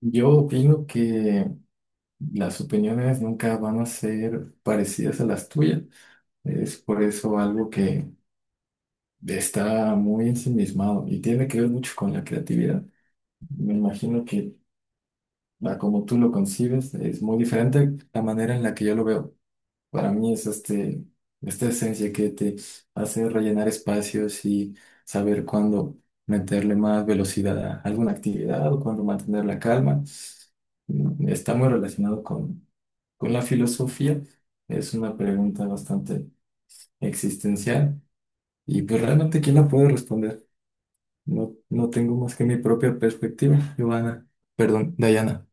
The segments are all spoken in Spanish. Yo opino que las opiniones nunca van a ser parecidas a las tuyas. Es por eso algo que está muy ensimismado y tiene que ver mucho con la creatividad. Me imagino que a como tú lo concibes es muy diferente la manera en la que yo lo veo. Para mí es esta esencia que te hace rellenar espacios y saber cuándo meterle más velocidad a alguna actividad o cuándo mantener la calma. Está muy relacionado con la filosofía. Es una pregunta bastante existencial y pues realmente ¿quién la puede responder? No tengo más que mi propia perspectiva, Giovanna. Perdón, Dayana.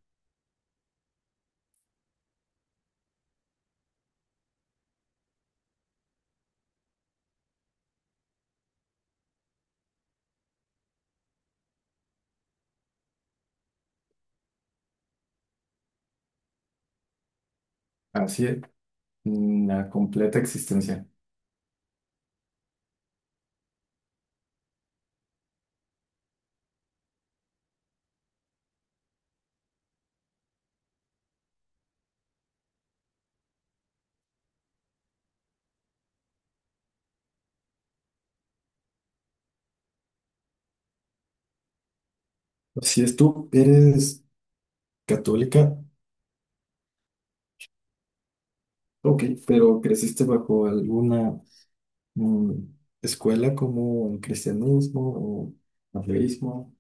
Así es, la completa existencia. Si es tú, eres católica, ok, pero creciste bajo alguna mm, escuela como el cristianismo o ateísmo.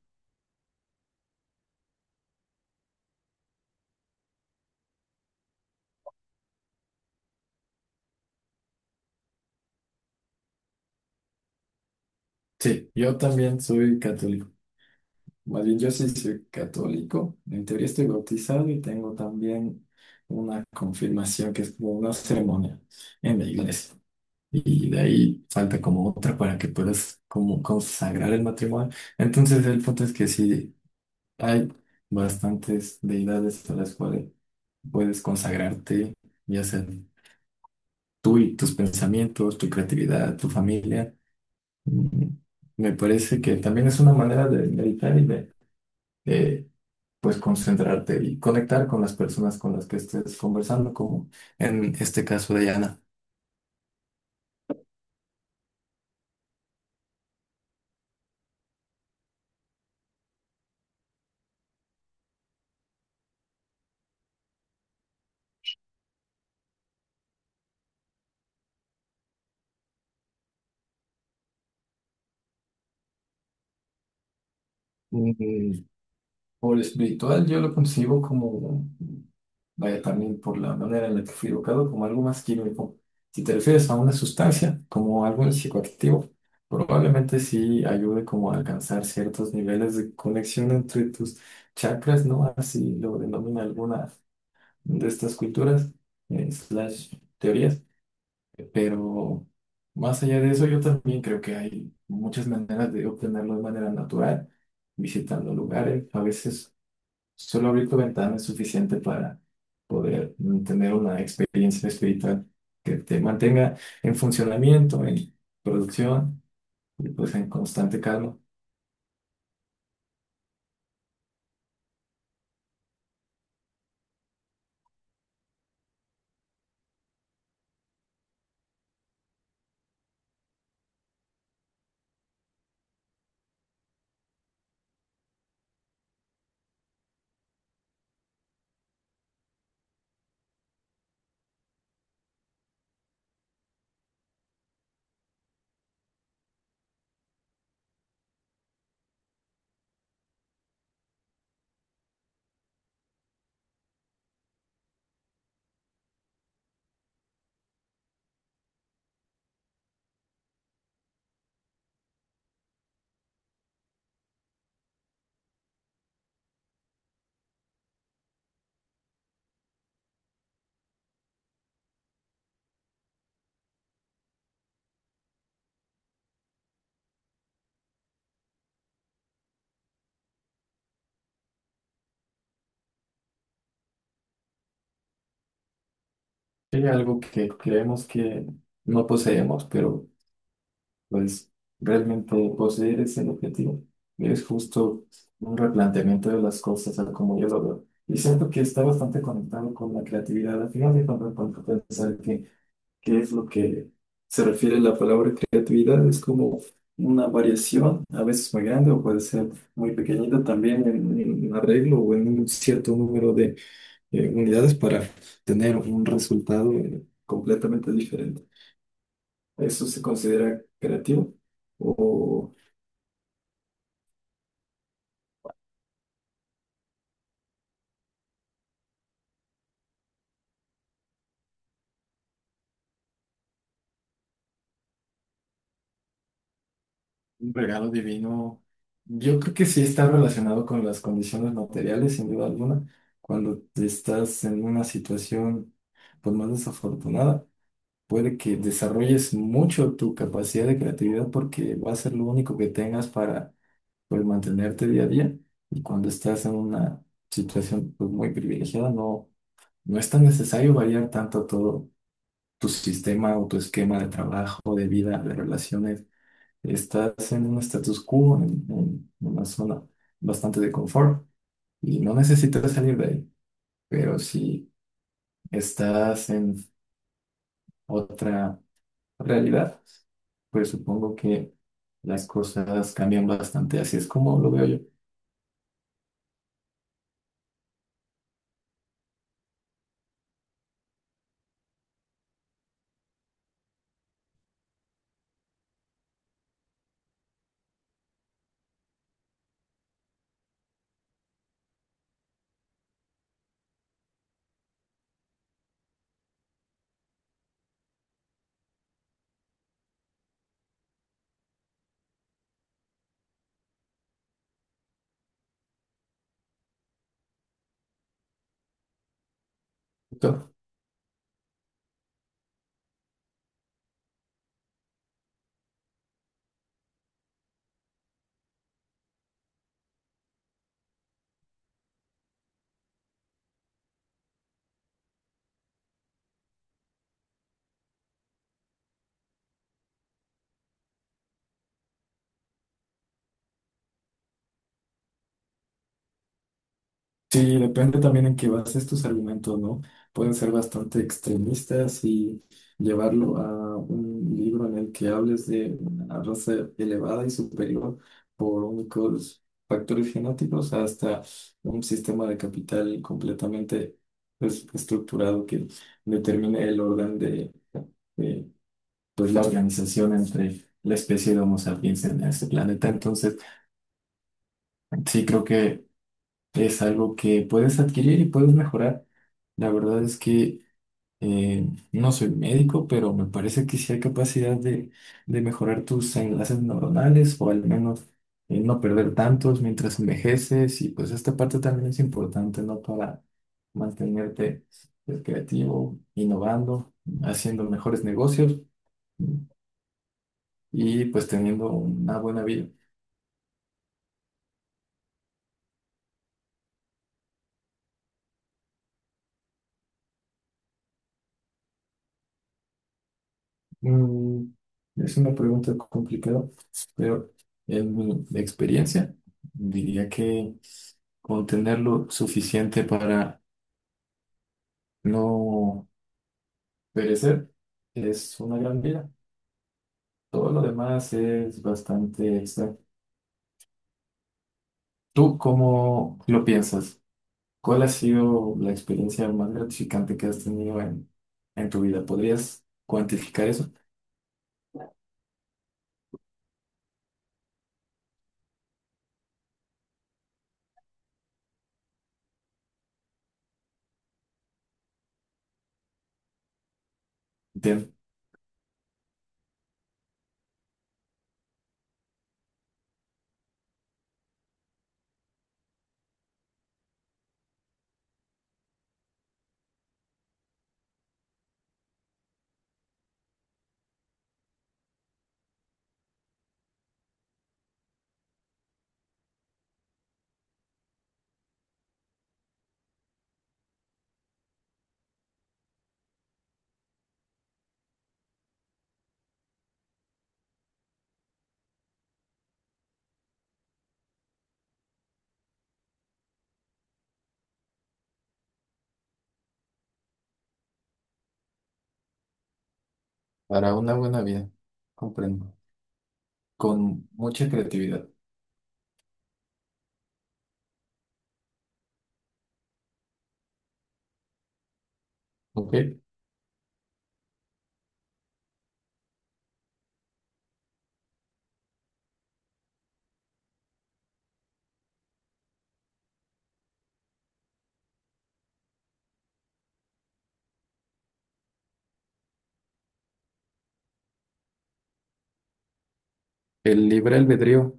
Sí, yo también soy católico. Más bien, yo sí soy católico. En teoría estoy bautizado y tengo también una confirmación que es como una ceremonia en la iglesia. Y de ahí falta como otra para que puedas como consagrar el matrimonio. Entonces, el punto es que sí hay bastantes deidades a las cuales puedes consagrarte, ya sea tú y tus pensamientos, tu creatividad, tu familia. Mm, Me parece que también es una manera de meditar y de pues concentrarte y conectar con las personas con las que estés conversando, como en este caso de Yana. Mm, Por espiritual yo lo concibo como, vaya también por la manera en la que fui educado, como algo más químico. Si te refieres a una sustancia, como algo psicoactivo, probablemente sí ayude como a alcanzar ciertos niveles de conexión entre tus chakras, ¿no? Así lo denomina alguna de estas culturas, slash teorías. Pero más allá de eso, yo también creo que hay muchas maneras de obtenerlo de manera natural, visitando lugares. A veces solo abrir tu ventana es suficiente para poder tener una experiencia espiritual que te mantenga en funcionamiento, en producción y pues en constante calma. Hay algo que creemos que no poseemos, pero pues realmente poseer ese objetivo es justo un replanteamiento de las cosas, a como yo lo veo. Y siento que está bastante conectado con la creatividad. Al final de cuentas, cuando pensar que qué es lo que se refiere la palabra creatividad, es como una variación, a veces muy grande o puede ser muy pequeñita también en un arreglo o en un cierto número de unidades para tener un resultado completamente diferente. ¿Eso se considera creativo? Un regalo divino, yo creo que sí está relacionado con las condiciones materiales, sin duda alguna. Cuando estás en una situación pues, más desafortunada, puede que desarrolles mucho tu capacidad de creatividad porque va a ser lo único que tengas para pues, mantenerte día a día. Y cuando estás en una situación pues, muy privilegiada, no es tan necesario variar tanto todo tu sistema o tu esquema de trabajo, de vida, de relaciones. Estás en un status quo, en una zona bastante de confort y no necesitas salir de ahí. Pero si estás en otra realidad, pues supongo que las cosas cambian bastante. Así es como lo veo yo. Sí, depende también en qué bases tus argumentos, ¿no? Pueden ser bastante extremistas y llevarlo a un libro en el que hables de una raza elevada y superior por únicos factores genéticos hasta un sistema de capital completamente pues, estructurado que determine el orden de, pues, la organización entre la especie de Homo sapiens en este planeta. Entonces, sí creo que es algo que puedes adquirir y puedes mejorar. La verdad es que eh, no soy médico, pero me parece que sí hay capacidad de mejorar tus enlaces neuronales o al menos no perder tantos mientras envejeces. Y pues esta parte también es importante, ¿no? Para mantenerte pues, creativo, innovando, haciendo mejores negocios y pues teniendo una buena vida. Mm, es una pregunta complicada, pero en mi experiencia diría que con tenerlo suficiente para no perecer es una gran vida. Todo lo demás es bastante extra. ¿Tú cómo lo piensas? ¿Cuál ha sido la experiencia más gratificante que has tenido en tu vida? ¿Podrías cuantificar eso? Bien, para una buena vida, comprendo. Con mucha creatividad. ¿Ok? El libre albedrío,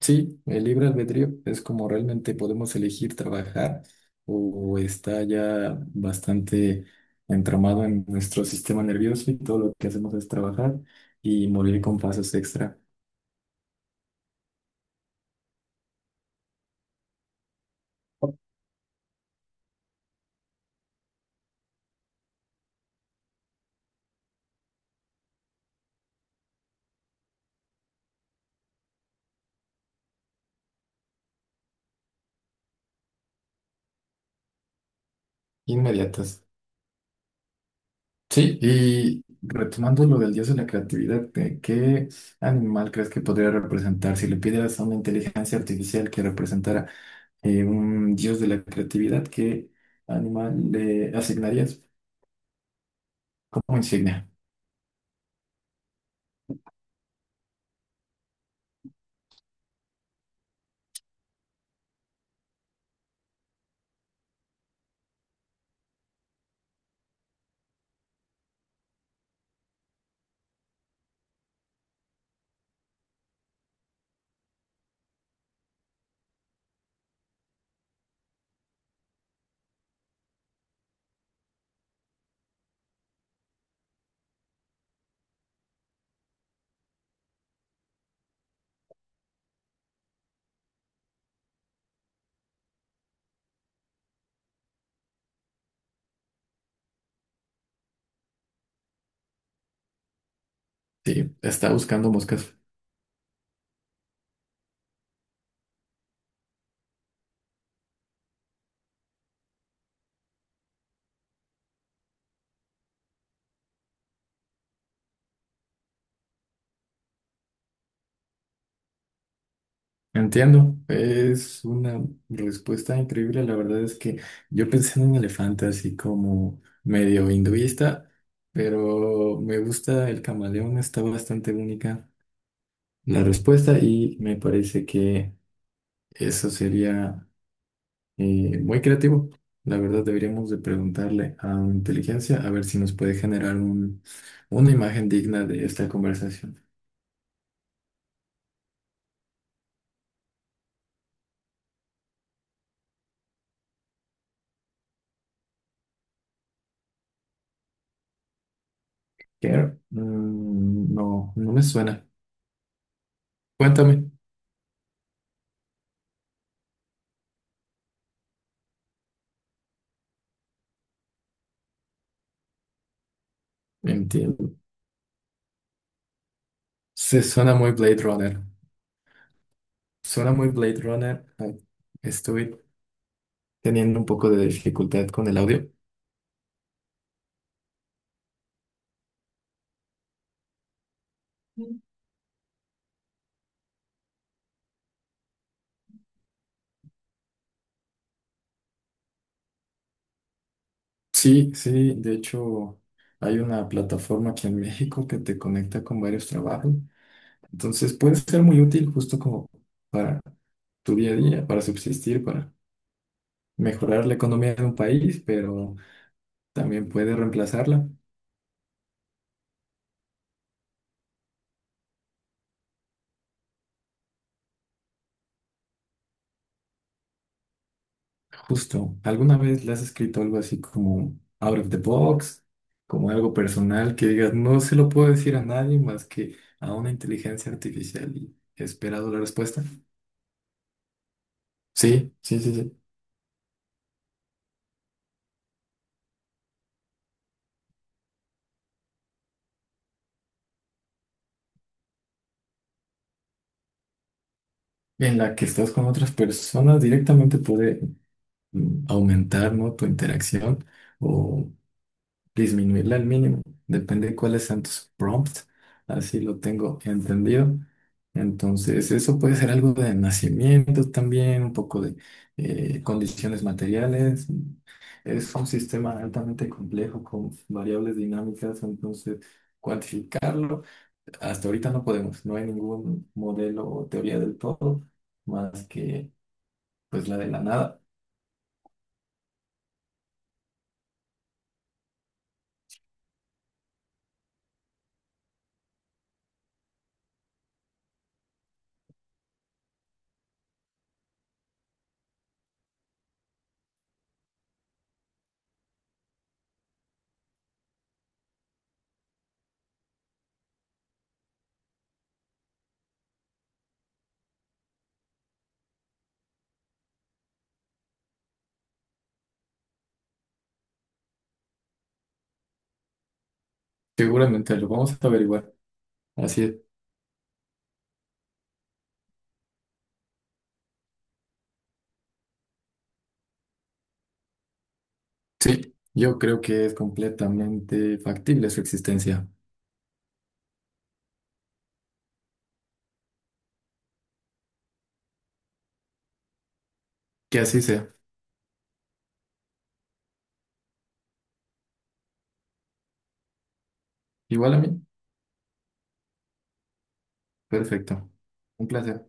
sí, el libre albedrío es como realmente podemos elegir trabajar o está ya bastante entramado en nuestro sistema nervioso y todo lo que hacemos es trabajar y morir con fases extra inmediatas. Sí, y retomando lo del dios de la creatividad, ¿de ¿qué animal crees que podría representar? Si le pidieras a una inteligencia artificial que representara un dios de la creatividad, ¿qué animal le asignarías como insignia? Sí, está buscando moscas. Entiendo, es una respuesta increíble. La verdad es que yo pensé en un elefante así como medio hinduista, pero me gusta el camaleón, está bastante única la respuesta y me parece que eso sería muy creativo. La verdad deberíamos de preguntarle a una inteligencia a ver si nos puede generar un- una imagen digna de esta conversación. Que, no me suena. Cuéntame. Entiendo. Se suena muy Blade Runner. Suena muy Blade Runner. Ay, estoy teniendo un poco de dificultad con el audio. Sí, sí, de hecho hay una plataforma aquí en México que te conecta con varios trabajos. Entonces puede ser muy útil justo como para tu día a día, para subsistir, para mejorar la economía de un país, pero también puede reemplazarla. Justo, ¿alguna vez le has escrito algo así como out of the box, como algo personal que digas, no se lo puedo decir a nadie más que a una inteligencia artificial y he esperado la respuesta? Sí, sí, sí, sí. En la que estás con otras personas directamente puede aumentar, ¿no? tu interacción o disminuirla al mínimo, depende de cuáles sean tus prompts, así lo tengo entendido. Entonces, eso puede ser algo de nacimiento también, un poco de condiciones materiales. Es un sistema altamente complejo con variables dinámicas, entonces cuantificarlo, hasta ahorita no podemos, no hay ningún modelo o teoría del todo, más que pues la de la nada. Seguramente lo vamos a averiguar. Así es. Sí, yo creo que es completamente factible su existencia. Que así sea. Igual a mí. Perfecto. Un placer.